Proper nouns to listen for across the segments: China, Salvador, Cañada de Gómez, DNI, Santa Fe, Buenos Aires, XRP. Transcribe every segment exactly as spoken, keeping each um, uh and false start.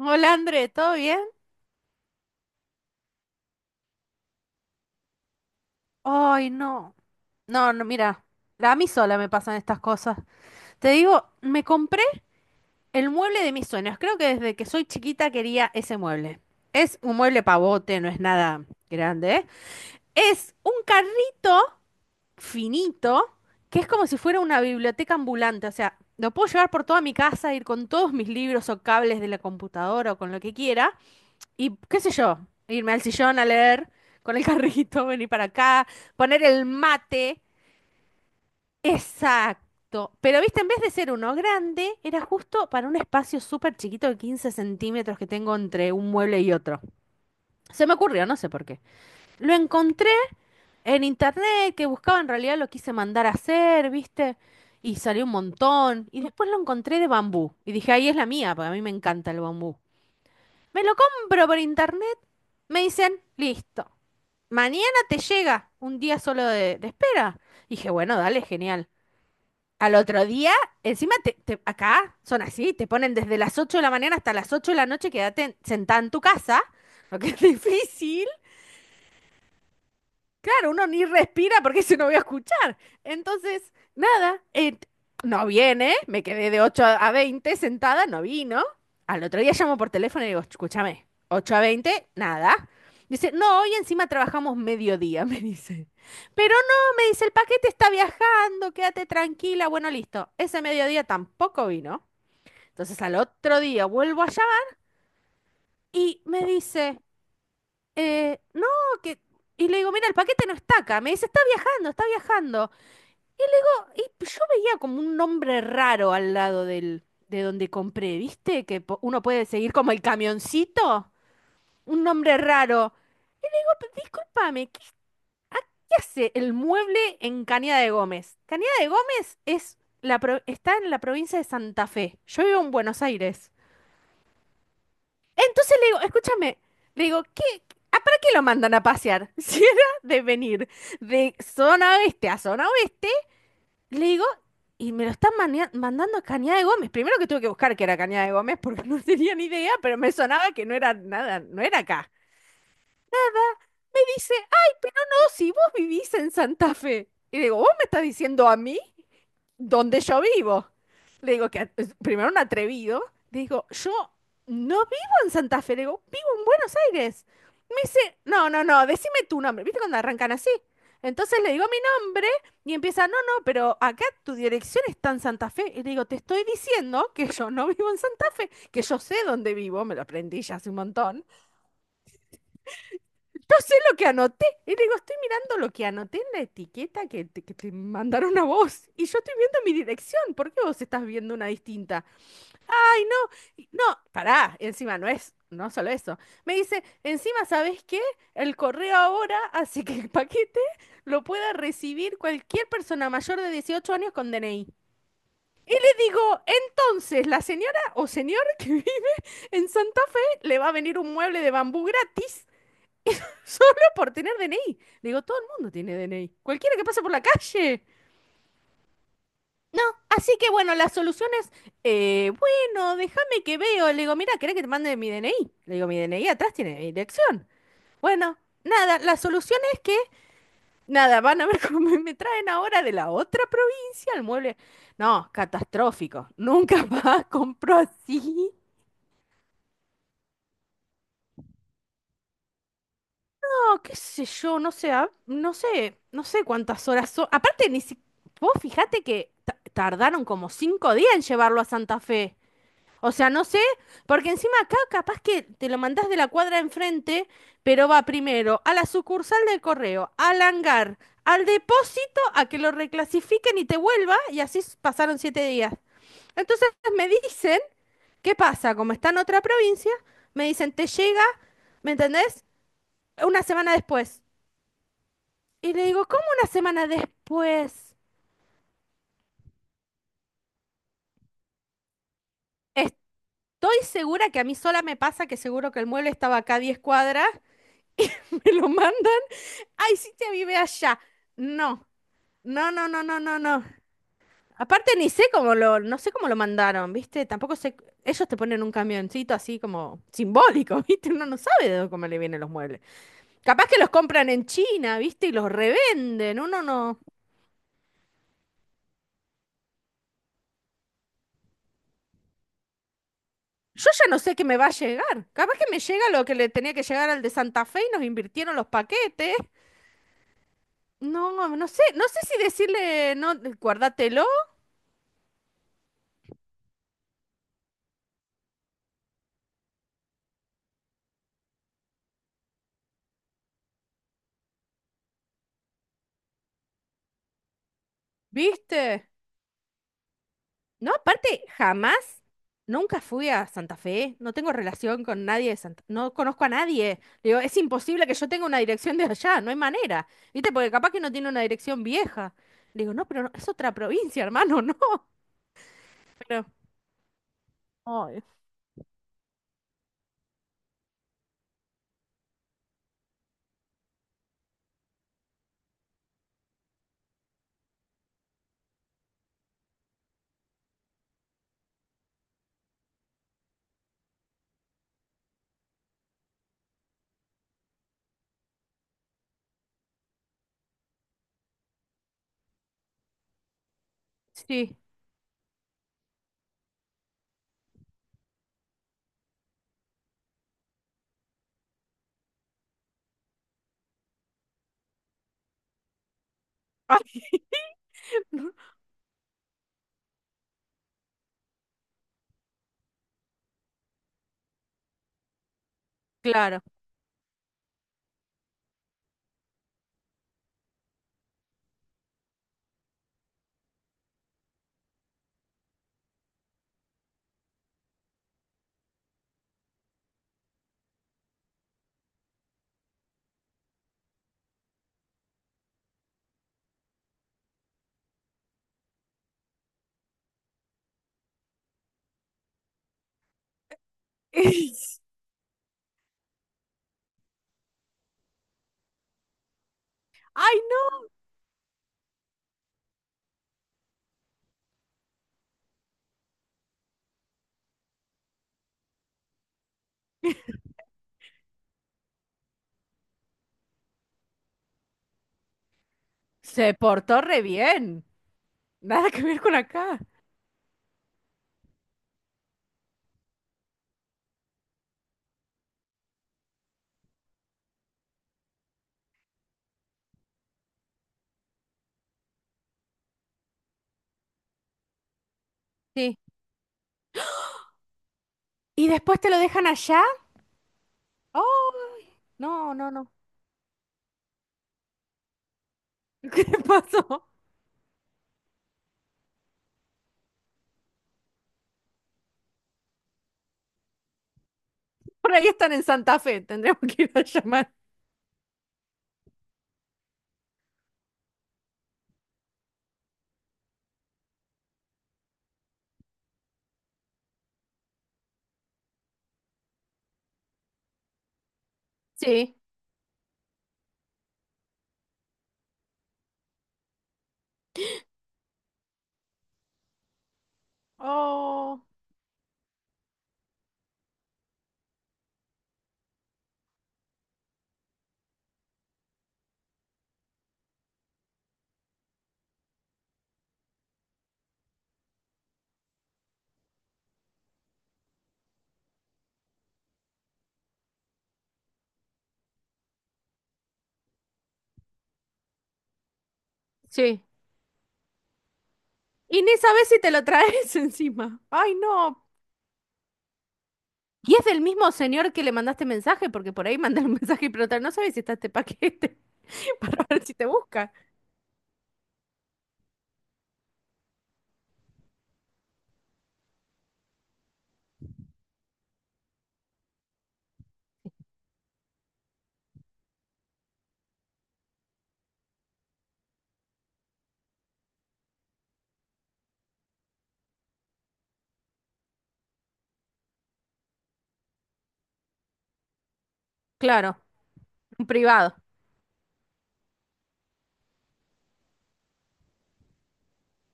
Hola André, ¿todo bien? Ay, no. No, no, mira, la- a mí sola me pasan estas cosas. Te digo, me compré el mueble de mis sueños. Creo que desde que soy chiquita quería ese mueble. Es un mueble pavote, no es nada grande, ¿eh? Es un carrito finito que es como si fuera una biblioteca ambulante. O sea, lo puedo llevar por toda mi casa, ir con todos mis libros o cables de la computadora o con lo que quiera. Y qué sé yo, irme al sillón a leer con el carrito, venir para acá, poner el mate. Exacto. Pero viste, en vez de ser uno grande, era justo para un espacio súper chiquito de quince centímetros que tengo entre un mueble y otro. Se me ocurrió, no sé por qué. Lo encontré en internet, que buscaba en realidad lo quise mandar a hacer, viste, y salió un montón. Y después lo encontré de bambú. Y dije, ahí es la mía, porque a mí me encanta el bambú. Me lo compro por internet, me dicen, listo. Mañana te llega un día solo de, de espera. Dije, bueno, dale, genial. Al otro día, encima te, te- acá son así, te ponen desde las ocho de la mañana hasta las ocho de la noche, quédate sentada en tu casa, lo que es difícil. Claro, uno ni respira porque se no voy a escuchar. Entonces, nada, eh, no viene, me quedé de ocho a veinte sentada, no vino. Al otro día llamo por teléfono y digo, escúchame, ocho a veinte, nada. Dice, no, hoy encima trabajamos mediodía, me dice. Pero no, me dice, el paquete está viajando, quédate tranquila. Bueno, listo. Ese mediodía tampoco vino. Entonces al otro día vuelvo allá y me dice, eh, no, que... Y le digo, mira, el paquete no está acá. Me dice, está viajando, está viajando. Y yo veía como un nombre raro al lado del, de donde compré, ¿viste? Que po- uno puede seguir como el camioncito. Un nombre raro. Disculpame, discúlpame, ¿qué, qué hace el mueble en Cañada de Gómez? Cañada de Gómez es la pro- está en la provincia de Santa Fe. Yo vivo en Buenos Aires. Entonces le digo, escúchame, le digo, ¿qué, ¿a para qué lo mandan a pasear? Si era de venir de zona oeste a zona oeste. Le digo, y me lo están mania- mandando a Cañada de Gómez. Primero que tuve que buscar que era Cañada de Gómez porque no tenía ni idea, pero me sonaba que no era nada, no era acá. Me dice, ah, si vos vivís en Santa Fe. Y digo, ¿vos me estás diciendo a mí? Donde yo vivo. Le digo que es primero un atrevido, le digo, yo no vivo en Santa Fe, le digo, vivo en Buenos Aires. Me dice, no, no, no, decime tu nombre. ¿Viste cuando arrancan así? Entonces le digo mi nombre y empieza, no, no, pero acá tu dirección está en Santa Fe. Y le digo, te estoy diciendo que yo no vivo en Santa Fe, que yo sé dónde vivo, me lo aprendí ya hace un montón. No sé lo que anoté. Y digo, estoy mirando lo que anoté en la etiqueta que te, que te mandaron a vos. Y yo estoy viendo mi dirección. ¿Por qué vos estás viendo una distinta? Ay, no. y- No, pará. Encima no es, no solo eso. Me dice, encima, ¿sabés qué? El correo ahora hace que el paquete lo pueda recibir cualquier persona mayor de dieciocho años con D N I. Le digo, entonces, la señora o señor que vive en Santa Fe le va a venir un mueble de bambú gratis solo por tener D N I. Digo, todo el mundo tiene D N I. Cualquiera que pase por la calle. No, así que bueno, la solución es, eh, bueno, déjame que veo. Le digo, mira, ¿querés que te mande mi D N I? Le digo, mi D N I atrás tiene mi dirección. Bueno, nada, la solución es que, nada, van a ver cómo me me traen ahora de la otra provincia al mueble. No, catastrófico. Nunca más compro así. No, qué sé yo, no sé, ah, no sé, no sé cuántas horas son. Aparte, ni si... Vos fijate que ta- tardaron como cinco días en llevarlo a Santa Fe. O sea, no sé, porque encima acá capaz que te lo mandás de la cuadra enfrente, pero va primero a la sucursal del correo, al hangar, al depósito, a que lo reclasifiquen y te vuelva, y así s- pasaron siete días. Entonces me dicen, ¿qué pasa? Como está en otra provincia, me dicen, te llega, ¿me entendés? Una semana después. Y le digo, ¿cómo una semana después? Estoy segura que a mí sola me pasa que seguro que el mueble estaba acá a diez cuadras y me lo mandan. Ay, sí te vive allá. No, no, no, no, no, no, no. Aparte ni sé cómo lo, no sé cómo lo mandaron, ¿viste? Tampoco sé, ellos te ponen un camioncito así como simbólico, ¿viste? Uno no sabe de dónde, cómo le vienen los muebles. Capaz que los compran en China, ¿viste? Y los revenden, uno no. Yo ya no sé qué me va a llegar. Capaz que me llega lo que le tenía que llegar al de Santa Fe y nos invirtieron los paquetes. No, no sé, no sé si decirle, no, guárdatelo, ¿viste? No, aparte, jamás, nunca fui a Santa Fe, no tengo relación con nadie de Santa, no conozco a nadie. Le digo, es imposible que yo tenga una dirección de allá, no hay manera, ¿viste? Porque capaz que no tiene una dirección vieja. Le digo, no, pero no, es otra provincia, hermano, no. Pero, ay, sí. Ay, claro. Ay, se portó re bien. Nada que ver con acá. Sí. ¿Y después te lo dejan allá? Oh, no, no, no. ¿Qué te pasó? Por ahí están en Santa Fe, tendremos que ir a llamar. Sí, oh. Sí. Y ni sabes si te lo traes encima. Ay, no. Y es del mismo señor que le mandaste mensaje, porque por ahí mandé un mensaje y preguntar, no sabes si está este paquete para ver si te busca. Claro, un privado.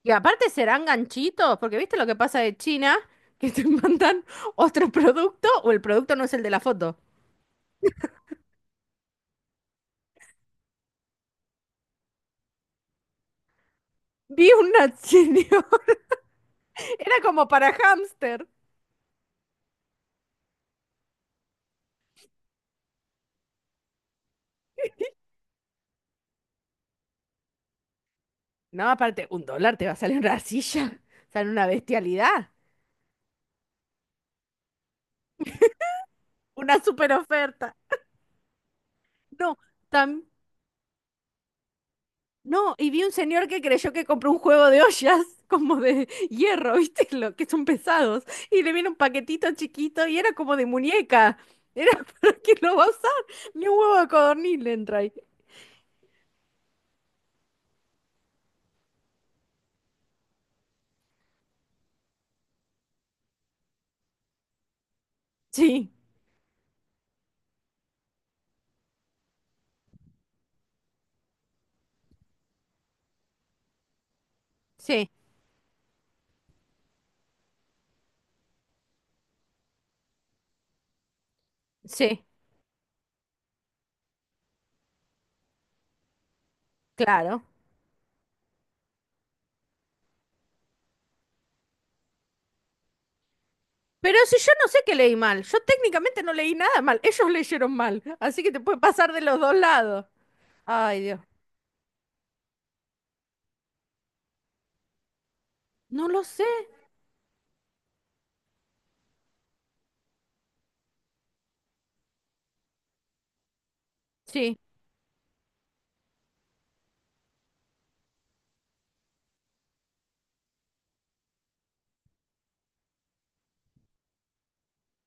Y aparte serán ganchitos, porque viste lo que pasa de China, que te mandan otro producto o el producto no es el de la foto. Vi una señora, era como para hámster. No, aparte, un dólar te va a salir una silla, sale una bestialidad, una super oferta. No, también no, y vi un señor que creyó que compró un juego de ollas como de hierro, ¿viste? Lo que son pesados. Y le viene un paquetito chiquito y era como de muñeca. Era para que lo va a usar. Ni un huevo de codorniz le entra ahí. Sí, sí, sí, claro. Pero si yo no sé que leí mal, yo técnicamente no leí nada mal, ellos leyeron mal, así que te puede pasar de los dos lados. Ay, Dios. No lo sé. Sí,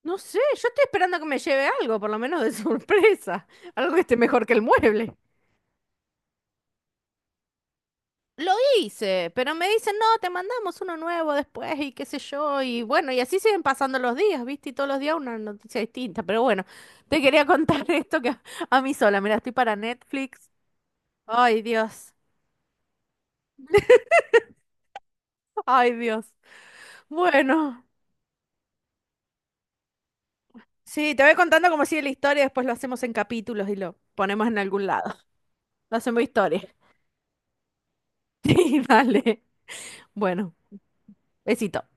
no sé, yo estoy esperando a que me lleve algo, por lo menos de sorpresa, algo que esté mejor que el mueble. Lo hice, pero me dicen, no, te mandamos uno nuevo después y qué sé yo, y bueno, y así siguen pasando los días, ¿viste? Y todos los días una noticia distinta, pero bueno, te quería contar esto que a, a mí sola, mira, estoy para Netflix. Ay, Dios, ay, Dios. Bueno, sí, te voy contando cómo sigue la historia, después lo hacemos en capítulos y lo ponemos en algún lado. Lo hacemos historia. Sí, dale. Bueno, besito.